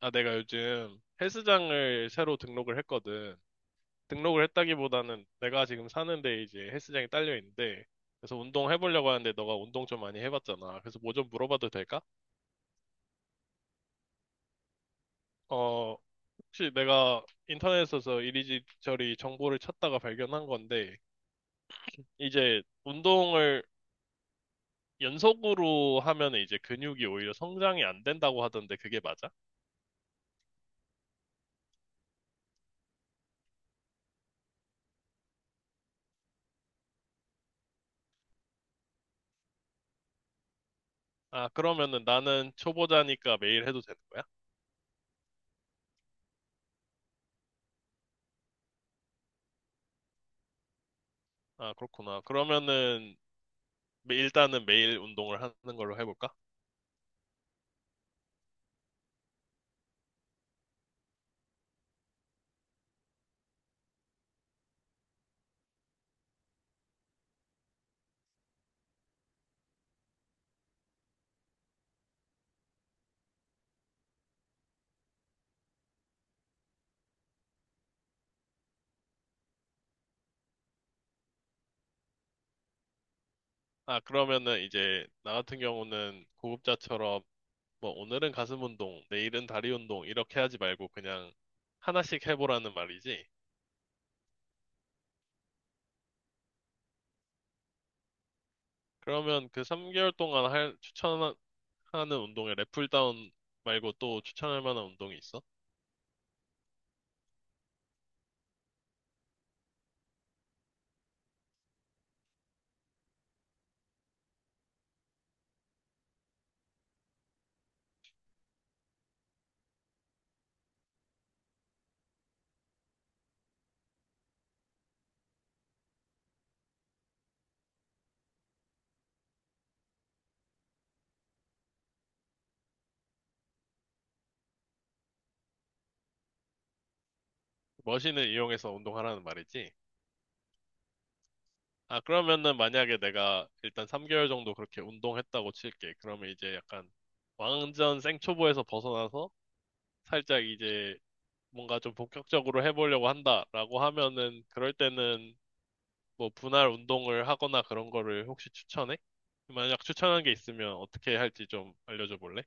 아, 내가 요즘 헬스장을 새로 등록을 했거든. 등록을 했다기보다는 내가 지금 사는데 이제 헬스장이 딸려 있는데, 그래서 운동 해보려고 하는데 너가 운동 좀 많이 해봤잖아. 그래서 뭐 좀 물어봐도 될까? 어, 혹시 내가 인터넷에서 이리저리 정보를 찾다가 발견한 건데, 이제 운동을 연속으로 하면 이제 근육이 오히려 성장이 안 된다고 하던데 그게 맞아? 아, 그러면은 나는 초보자니까 매일 해도 되는 거야? 아, 그렇구나. 그러면은 일단은 매일 운동을 하는 걸로 해볼까? 아, 그러면은 이제 나 같은 경우는 고급자처럼 뭐 오늘은 가슴 운동, 내일은 다리 운동 이렇게 하지 말고 그냥 하나씩 해보라는 말이지. 그러면 그 3개월 동안 할, 추천하는 운동에 랩풀다운 말고 또 추천할 만한 운동이 있어? 머신을 이용해서 운동하라는 말이지. 아, 그러면은 만약에 내가 일단 3개월 정도 그렇게 운동했다고 칠게. 그러면 이제 약간 완전 생초보에서 벗어나서 살짝 이제 뭔가 좀 본격적으로 해보려고 한다라고 하면은 그럴 때는 뭐 분할 운동을 하거나 그런 거를 혹시 추천해? 만약 추천한 게 있으면 어떻게 할지 좀 알려줘 볼래?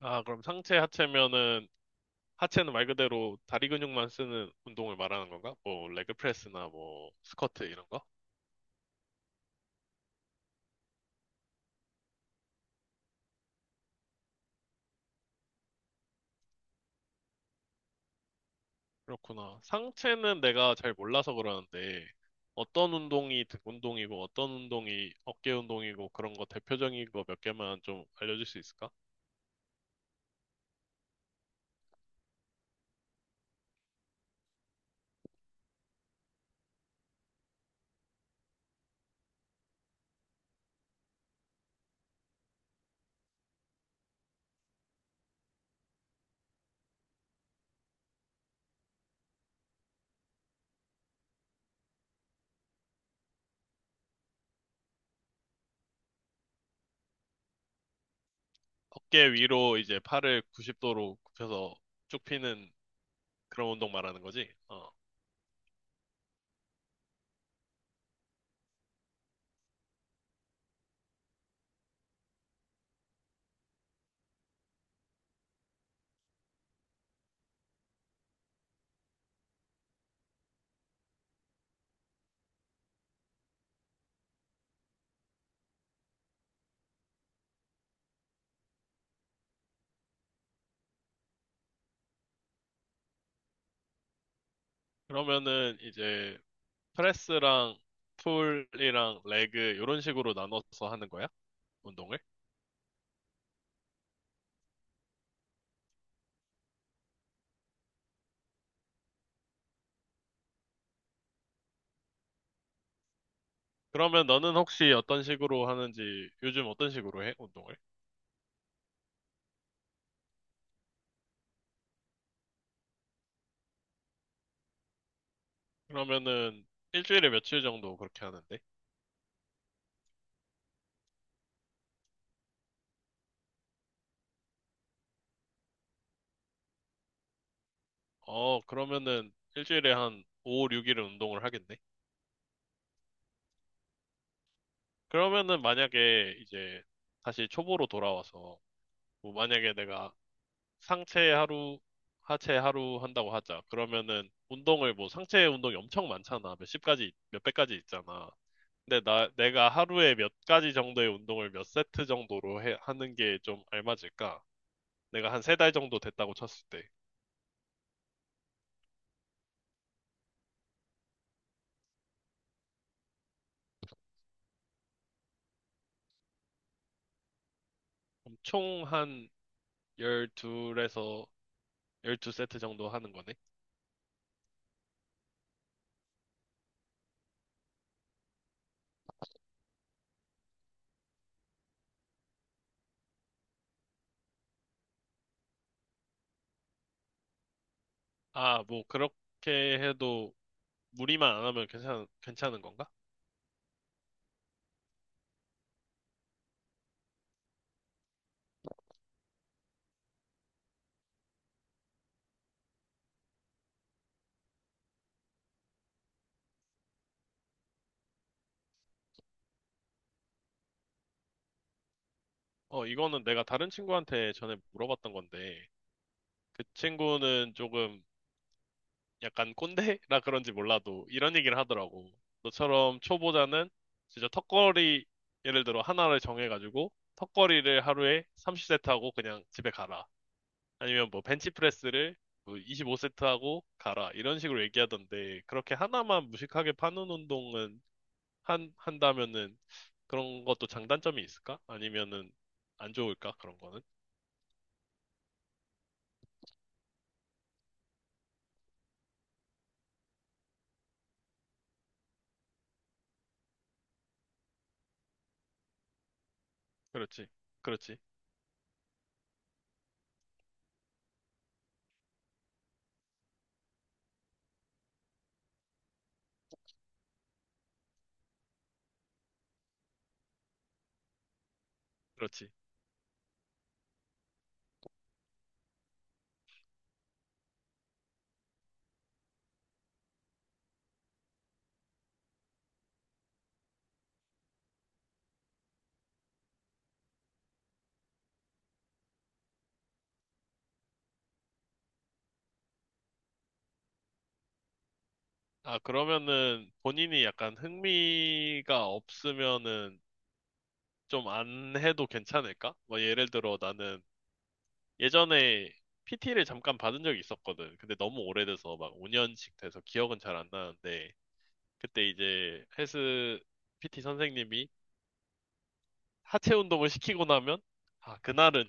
아, 그럼 상체 하체면은 하체는 말 그대로 다리 근육만 쓰는 운동을 말하는 건가? 뭐 레그 프레스나 뭐 스쿼트 이런 거? 그렇구나. 상체는 내가 잘 몰라서 그러는데 어떤 운동이 등 운동이고 어떤 운동이 어깨 운동이고 그런 거 대표적인 거 몇 개만 좀 알려줄 수 있을까? 어깨 위로 이제 팔을 90도로 굽혀서 쭉 피는 그런 운동 말하는 거지. 어. 그러면은 이제 프레스랑 풀이랑 레그 이런 식으로 나눠서 하는 거야? 운동을? 그러면 너는 혹시 어떤 식으로 하는지 요즘 어떤 식으로 해? 운동을? 그러면은 일주일에 며칠 정도 그렇게 하는데? 어, 그러면은 일주일에 한 5, 6일은 운동을 하겠네? 그러면은 만약에 이제 다시 초보로 돌아와서 뭐 만약에 내가 상체 하루, 하체 하루 한다고 하자. 그러면은 운동을 뭐 상체 운동이 엄청 많잖아. 몇십 가지, 몇백 가지 있잖아. 근데 내가 하루에 몇 가지 정도의 운동을 몇 세트 정도로 하는 게 좀 알맞을까? 내가 한 세 달 정도 됐다고 쳤을 때. 그럼 총한 12에서 12세트 정도 하는 거네? 아, 뭐 그렇게 해도 무리만 안 하면 괜찮은 건가? 어, 이거는 내가 다른 친구한테 전에 물어봤던 건데, 그 친구는 조금 약간 꼰대라 그런지 몰라도 이런 얘기를 하더라고. 너처럼 초보자는 진짜 턱걸이 예를 들어 하나를 정해가지고 턱걸이를 하루에 30세트 하고 그냥 집에 가라. 아니면 뭐 벤치프레스를 25세트 하고 가라. 이런 식으로 얘기하던데 그렇게 하나만 무식하게 파는 운동은 한다면은 그런 것도 장단점이 있을까? 아니면은 안 좋을까? 그런 거는? 그렇지. 그렇지. 그렇지. 아, 그러면은 본인이 약간 흥미가 없으면은 좀 안 해도 괜찮을까? 뭐 예를 들어 나는 예전에 PT를 잠깐 받은 적이 있었거든. 근데 너무 오래돼서 막 5년씩 돼서 기억은 잘 안 나는데 그때 이제 헬스 PT 선생님이 하체 운동을 시키고 나면 아, 그날은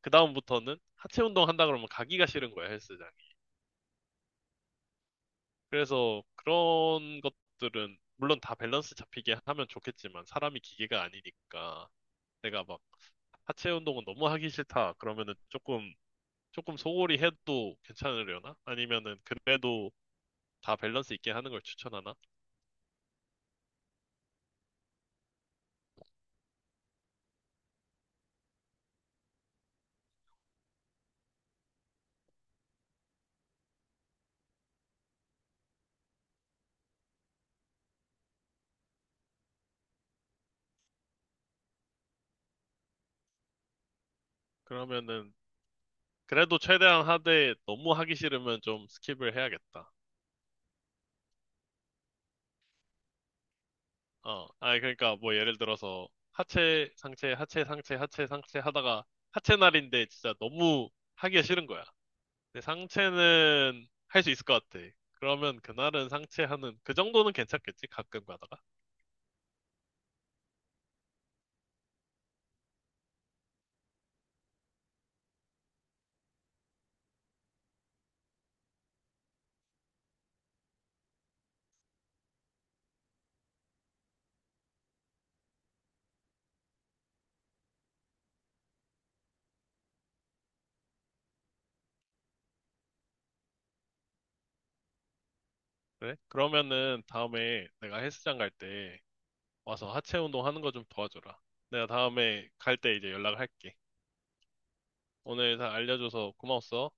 그다음부터는 하체 운동 한다 그러면 가기가 싫은 거야, 헬스장. 그래서 그런 것들은 물론 다 밸런스 잡히게 하면 좋겠지만 사람이 기계가 아니니까 내가 막 하체 운동은 너무 하기 싫다 그러면은 조금 소홀히 해도 괜찮으려나? 아니면은 그래도 다 밸런스 있게 하는 걸 추천하나? 그러면은 그래도 최대한 하되 너무 하기 싫으면 좀 스킵을 해야겠다. 어, 아니 그러니까 뭐 예를 들어서 하체 상체 하체 상체 하체 상체 하다가 하체 날인데 진짜 너무 하기가 싫은 거야. 근데 상체는 할 수 있을 것 같아. 그러면 그날은 상체 하는, 그 정도는 괜찮겠지? 가끔 가다가. 그래? 그러면은 다음에 내가 헬스장 갈 때 와서 하체 운동 하는 거 좀 도와줘라. 내가 다음에 갈 때 이제 연락을 할게. 오늘 다 알려줘서 고마웠어.